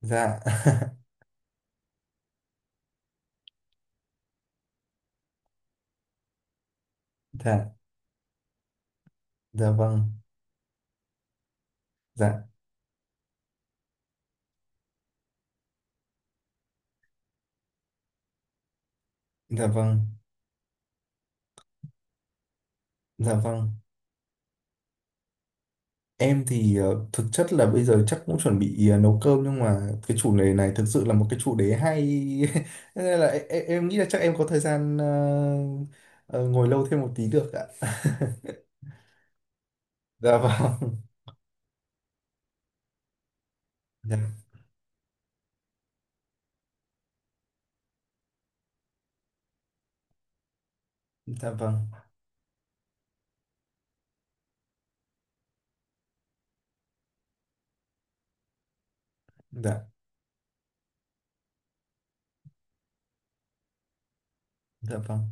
Dạ. dạ, dạ vâng. Dạ, dạ vâng. Dạ vâng, em thì thực chất là bây giờ chắc cũng chuẩn bị nấu cơm, nhưng mà cái chủ đề này thực sự là một cái chủ đề hay. Thế nên là em nghĩ là chắc em có thời gian ờ, ngồi lâu thêm một tí được ạ. dạ vâng. Dạ, dạ vâng. Dạ, dạ vâng.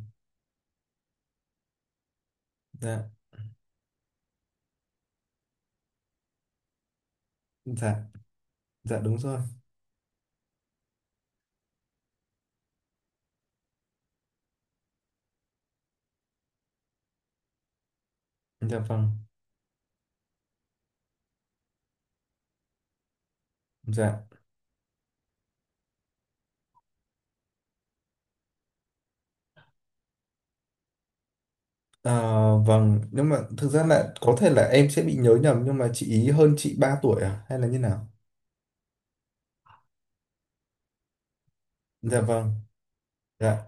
Dạ, dạ, dạ đúng rồi. Dạ vâng. Dạ. À, vâng, nhưng mà thực ra là có thể là em sẽ bị nhớ nhầm, nhưng mà chị ý hơn chị ba tuổi à hay là như nào? Dạ vâng. Dạ.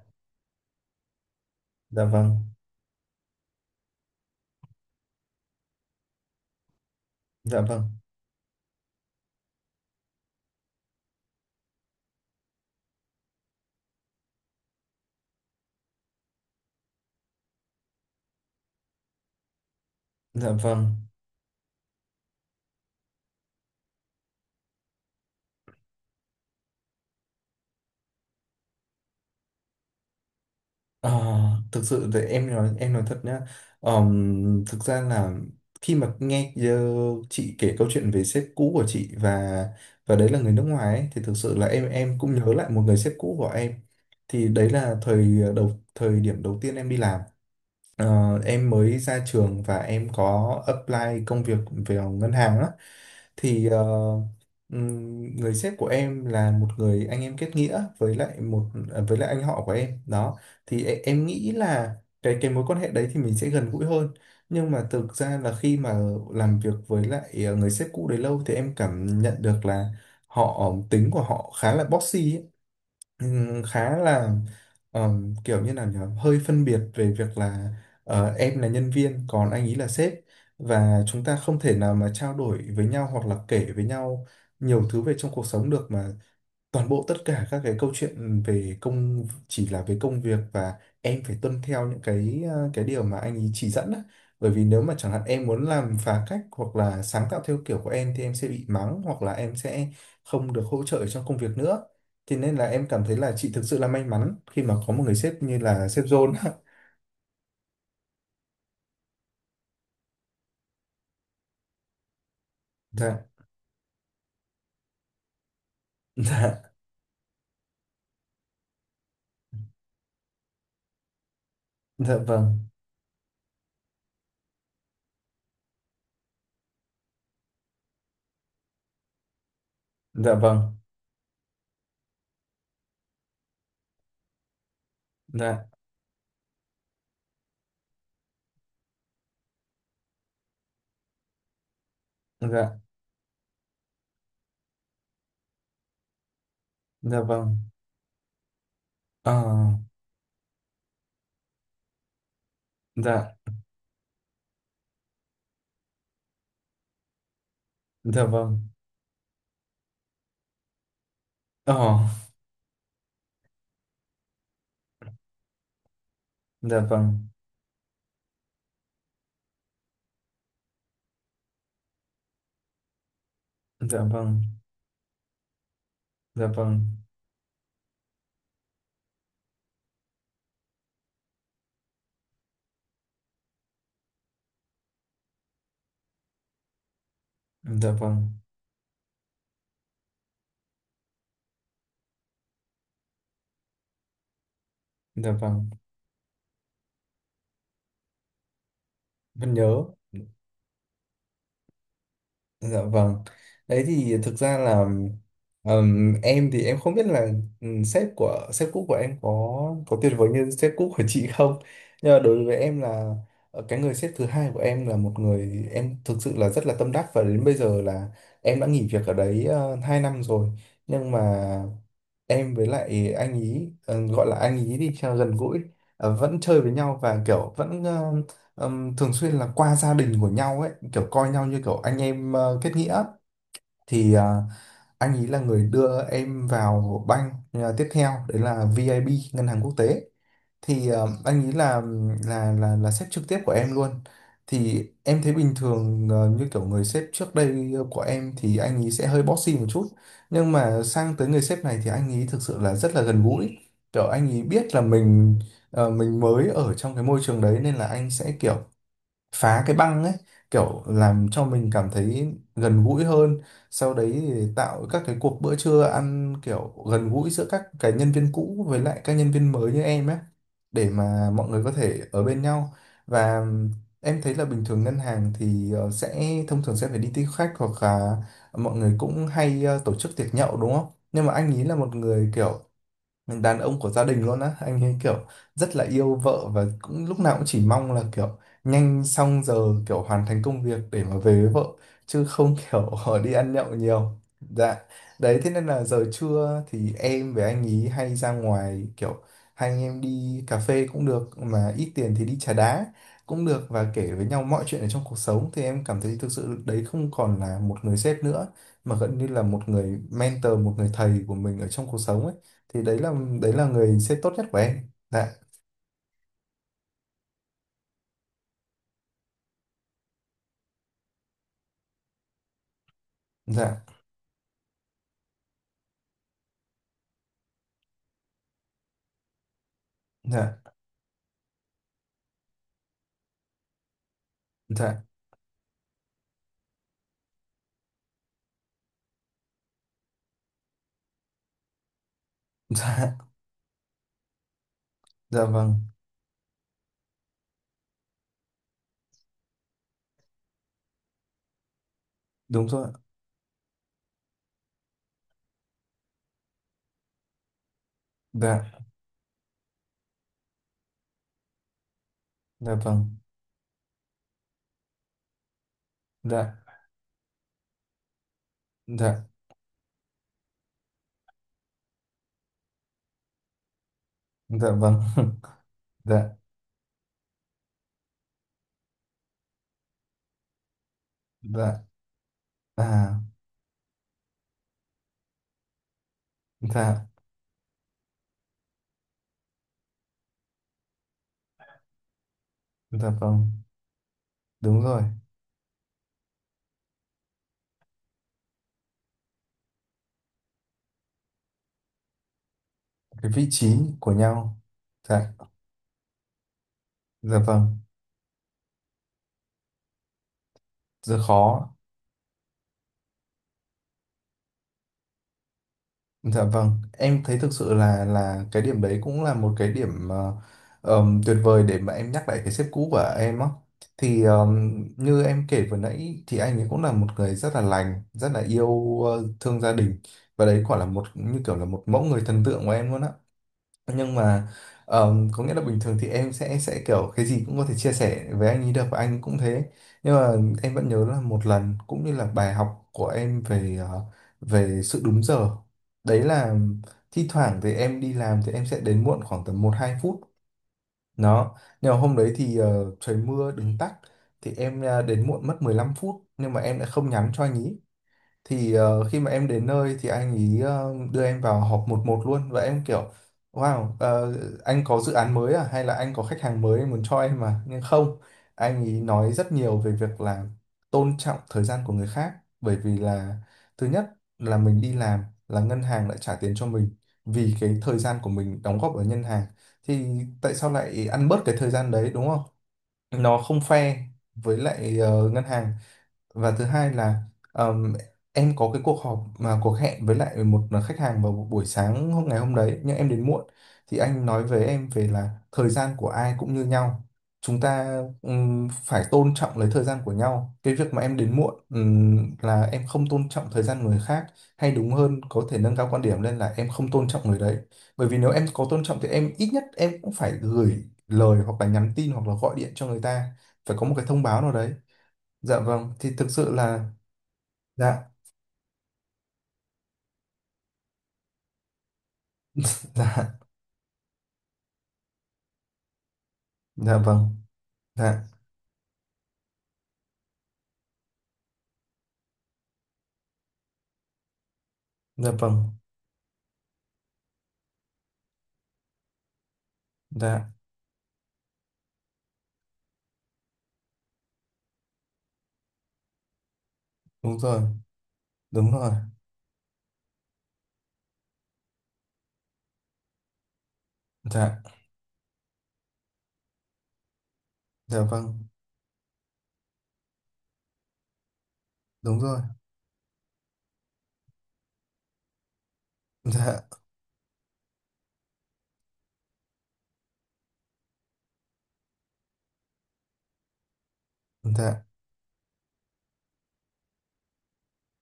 Dạ vâng. Dạ vâng. Dạ vâng. À, thực sự thì em nói thật nhá. Thực ra là khi mà nghe chị kể câu chuyện về sếp cũ của chị, và đấy là người nước ngoài ấy, thì thực sự là em cũng nhớ lại một người sếp cũ của em. Thì đấy là thời đầu, thời điểm đầu tiên em đi làm. Ờ, em mới ra trường và em có apply công việc về ngân hàng á. Thì người sếp của em là một người anh em kết nghĩa với lại một, à, với lại anh họ của em đó. Thì em nghĩ là cái mối quan hệ đấy thì mình sẽ gần gũi hơn, nhưng mà thực ra là khi mà làm việc với lại người sếp cũ đấy lâu thì em cảm nhận được là họ, tính của họ khá là bossy ấy. Khá là kiểu như là nhở, hơi phân biệt về việc là em là nhân viên còn anh ấy là sếp, và chúng ta không thể nào mà trao đổi với nhau hoặc là kể với nhau nhiều thứ về trong cuộc sống được, mà toàn bộ tất cả các cái câu chuyện về công chỉ là về công việc, và em phải tuân theo những cái cái điều mà anh ấy chỉ dẫn á. Bởi vì nếu mà chẳng hạn em muốn làm phá cách hoặc là sáng tạo theo kiểu của em thì em sẽ bị mắng, hoặc là em sẽ không được hỗ trợ trong công việc nữa. Thế nên là em cảm thấy là chị thực sự là may mắn khi mà có một người sếp như là sếp John. Dạ. Dạ. Dạ vâng. Dạ vâng. Dạ. Dạ. Dạ vâng. ờ, dạ. Dạ vâng. ờ, dạ vâng. Dạ vâng. Dạ vâng. Dạ vâng. Dạ vâng. Vẫn nhớ. Dạ vâng. Đấy thì thực ra là, em thì em không biết là, sếp của, sếp cũ của em có tuyệt vời như sếp cũ của chị không. Nhưng mà đối với em là cái người sếp thứ hai của em là một người em thực sự là rất là tâm đắc, và đến bây giờ là em đã nghỉ việc ở đấy 2 năm rồi. Nhưng mà em với lại anh ý, gọi là anh ý đi cho gần gũi, vẫn chơi với nhau và kiểu vẫn thường xuyên là qua gia đình của nhau ấy, kiểu coi nhau như kiểu anh em kết nghĩa. Thì anh ý là người đưa em vào bank tiếp theo đấy là VIB ngân hàng quốc tế, thì anh nghĩ là là sếp trực tiếp của em luôn. Thì em thấy bình thường như kiểu người sếp trước đây của em thì anh ấy sẽ hơi bossy một chút, nhưng mà sang tới người sếp này thì anh ấy thực sự là rất là gần gũi, kiểu anh ấy biết là mình mình mới ở trong cái môi trường đấy nên là anh sẽ kiểu phá cái băng ấy, kiểu làm cho mình cảm thấy gần gũi hơn. Sau đấy thì tạo các cái cuộc bữa trưa ăn kiểu gần gũi giữa các cái nhân viên cũ với lại các nhân viên mới như em ấy, để mà mọi người có thể ở bên nhau. Và em thấy là bình thường ngân hàng thì sẽ thông thường sẽ phải đi tiếp khách, hoặc là mọi người cũng hay tổ chức tiệc nhậu đúng không, nhưng mà anh ý là một người kiểu đàn ông của gia đình luôn á, anh ấy kiểu rất là yêu vợ, và cũng lúc nào cũng chỉ mong là kiểu nhanh xong giờ, kiểu hoàn thành công việc để mà về với vợ, chứ không kiểu đi ăn nhậu nhiều. Dạ. Đấy, thế nên là giờ trưa thì em với anh ý hay ra ngoài, kiểu hai anh em đi cà phê cũng được, mà ít tiền thì đi trà đá cũng được, và kể với nhau mọi chuyện ở trong cuộc sống. Thì em cảm thấy thực sự đấy không còn là một người sếp nữa, mà gần như là một người mentor, một người thầy của mình ở trong cuộc sống ấy. Thì đấy là người sếp tốt nhất của em. Dạ. Dạ. Dạ. Dạ. Dạ. Dạ vâng. Đúng rồi ạ. Dạ. Dạ vâng. Dạ. Dạ dạ vâng. dạ. Dạ. À. Dạ. Dạ vâng. Đúng rồi, cái vị trí của nhau. Dạ. Dạ vâng. Rất khó. Dạ vâng, em thấy thực sự là cái điểm đấy cũng là một cái điểm tuyệt vời để mà em nhắc lại cái sếp cũ của em á. Thì như em kể vừa nãy thì anh ấy cũng là một người rất là lành, rất là yêu thương gia đình, và đấy quả là một, như kiểu là một mẫu người thần tượng của em luôn á, nhưng mà có nghĩa là bình thường thì em sẽ, kiểu cái gì cũng có thể chia sẻ với anh ấy được, và anh cũng thế. Nhưng mà em vẫn nhớ là một lần cũng như là bài học của em về về sự đúng giờ. Đấy là thi thoảng thì em đi làm thì em sẽ đến muộn khoảng tầm một hai phút đó, nhưng mà hôm đấy thì trời mưa đứng tắc, thì em đến muộn mất 15 phút, nhưng mà em đã không nhắn cho anh ấy. Thì khi mà em đến nơi thì anh ý đưa em vào họp một một luôn, và em kiểu wow, anh có dự án mới à hay là anh có khách hàng mới anh muốn cho em, mà nhưng không, anh ý nói rất nhiều về việc là tôn trọng thời gian của người khác. Bởi vì là, thứ nhất là mình đi làm là ngân hàng lại trả tiền cho mình vì cái thời gian của mình đóng góp ở ngân hàng, thì tại sao lại ăn bớt cái thời gian đấy đúng không, nó không fair với lại ngân hàng. Và thứ hai là, ờm, em có cái cuộc họp, mà cuộc hẹn với lại một khách hàng vào buổi sáng hôm, ngày hôm đấy, nhưng em đến muộn. Thì anh nói với em về là thời gian của ai cũng như nhau, chúng ta phải tôn trọng lấy thời gian của nhau, cái việc mà em đến muộn là em không tôn trọng thời gian người khác, hay đúng hơn có thể nâng cao quan điểm lên là em không tôn trọng người đấy. Bởi vì nếu em có tôn trọng thì em, ít nhất em cũng phải gửi lời hoặc là nhắn tin hoặc là gọi điện cho người ta, phải có một cái thông báo nào đấy. Dạ vâng, thì thực sự là, dạ. dạ. Dạ vâng. Dạ. Dạ vâng. Dạ. Đúng rồi. Đúng rồi. Dạ. Dạ vâng. Đúng rồi. Dạ. Dạ.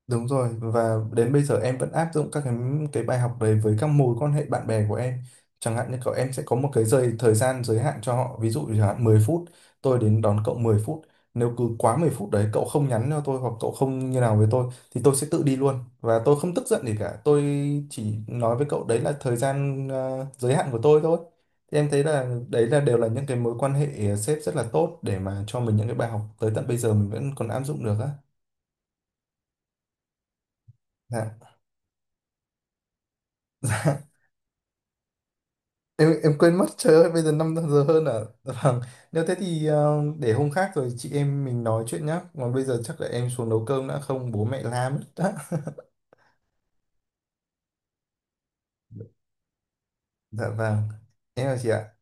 Đúng rồi, và đến bây giờ em vẫn áp dụng các cái bài học đấy với các mối quan hệ bạn bè của em. Chẳng hạn như cậu, em sẽ có một cái giới, thời gian giới hạn cho họ, ví dụ chẳng hạn 10 phút, tôi đến đón cậu 10 phút. Nếu cứ quá 10 phút đấy cậu không nhắn cho tôi hoặc cậu không như nào với tôi, thì tôi sẽ tự đi luôn và tôi không tức giận gì cả. Tôi chỉ nói với cậu đấy là thời gian giới hạn của tôi thôi. Thì em thấy là đấy là đều là những cái mối quan hệ sếp rất là tốt để mà cho mình những cái bài học tới tận bây giờ mình vẫn còn áp dụng được á. Dạ. Em quên mất, trời ơi, bây giờ 5 giờ hơn à. Dạ vâng, nếu thế thì để hôm khác rồi chị em mình nói chuyện nhá, còn bây giờ chắc là em xuống nấu cơm đã không bố mẹ la mất đó. Dạ vâng, em chào chị ạ.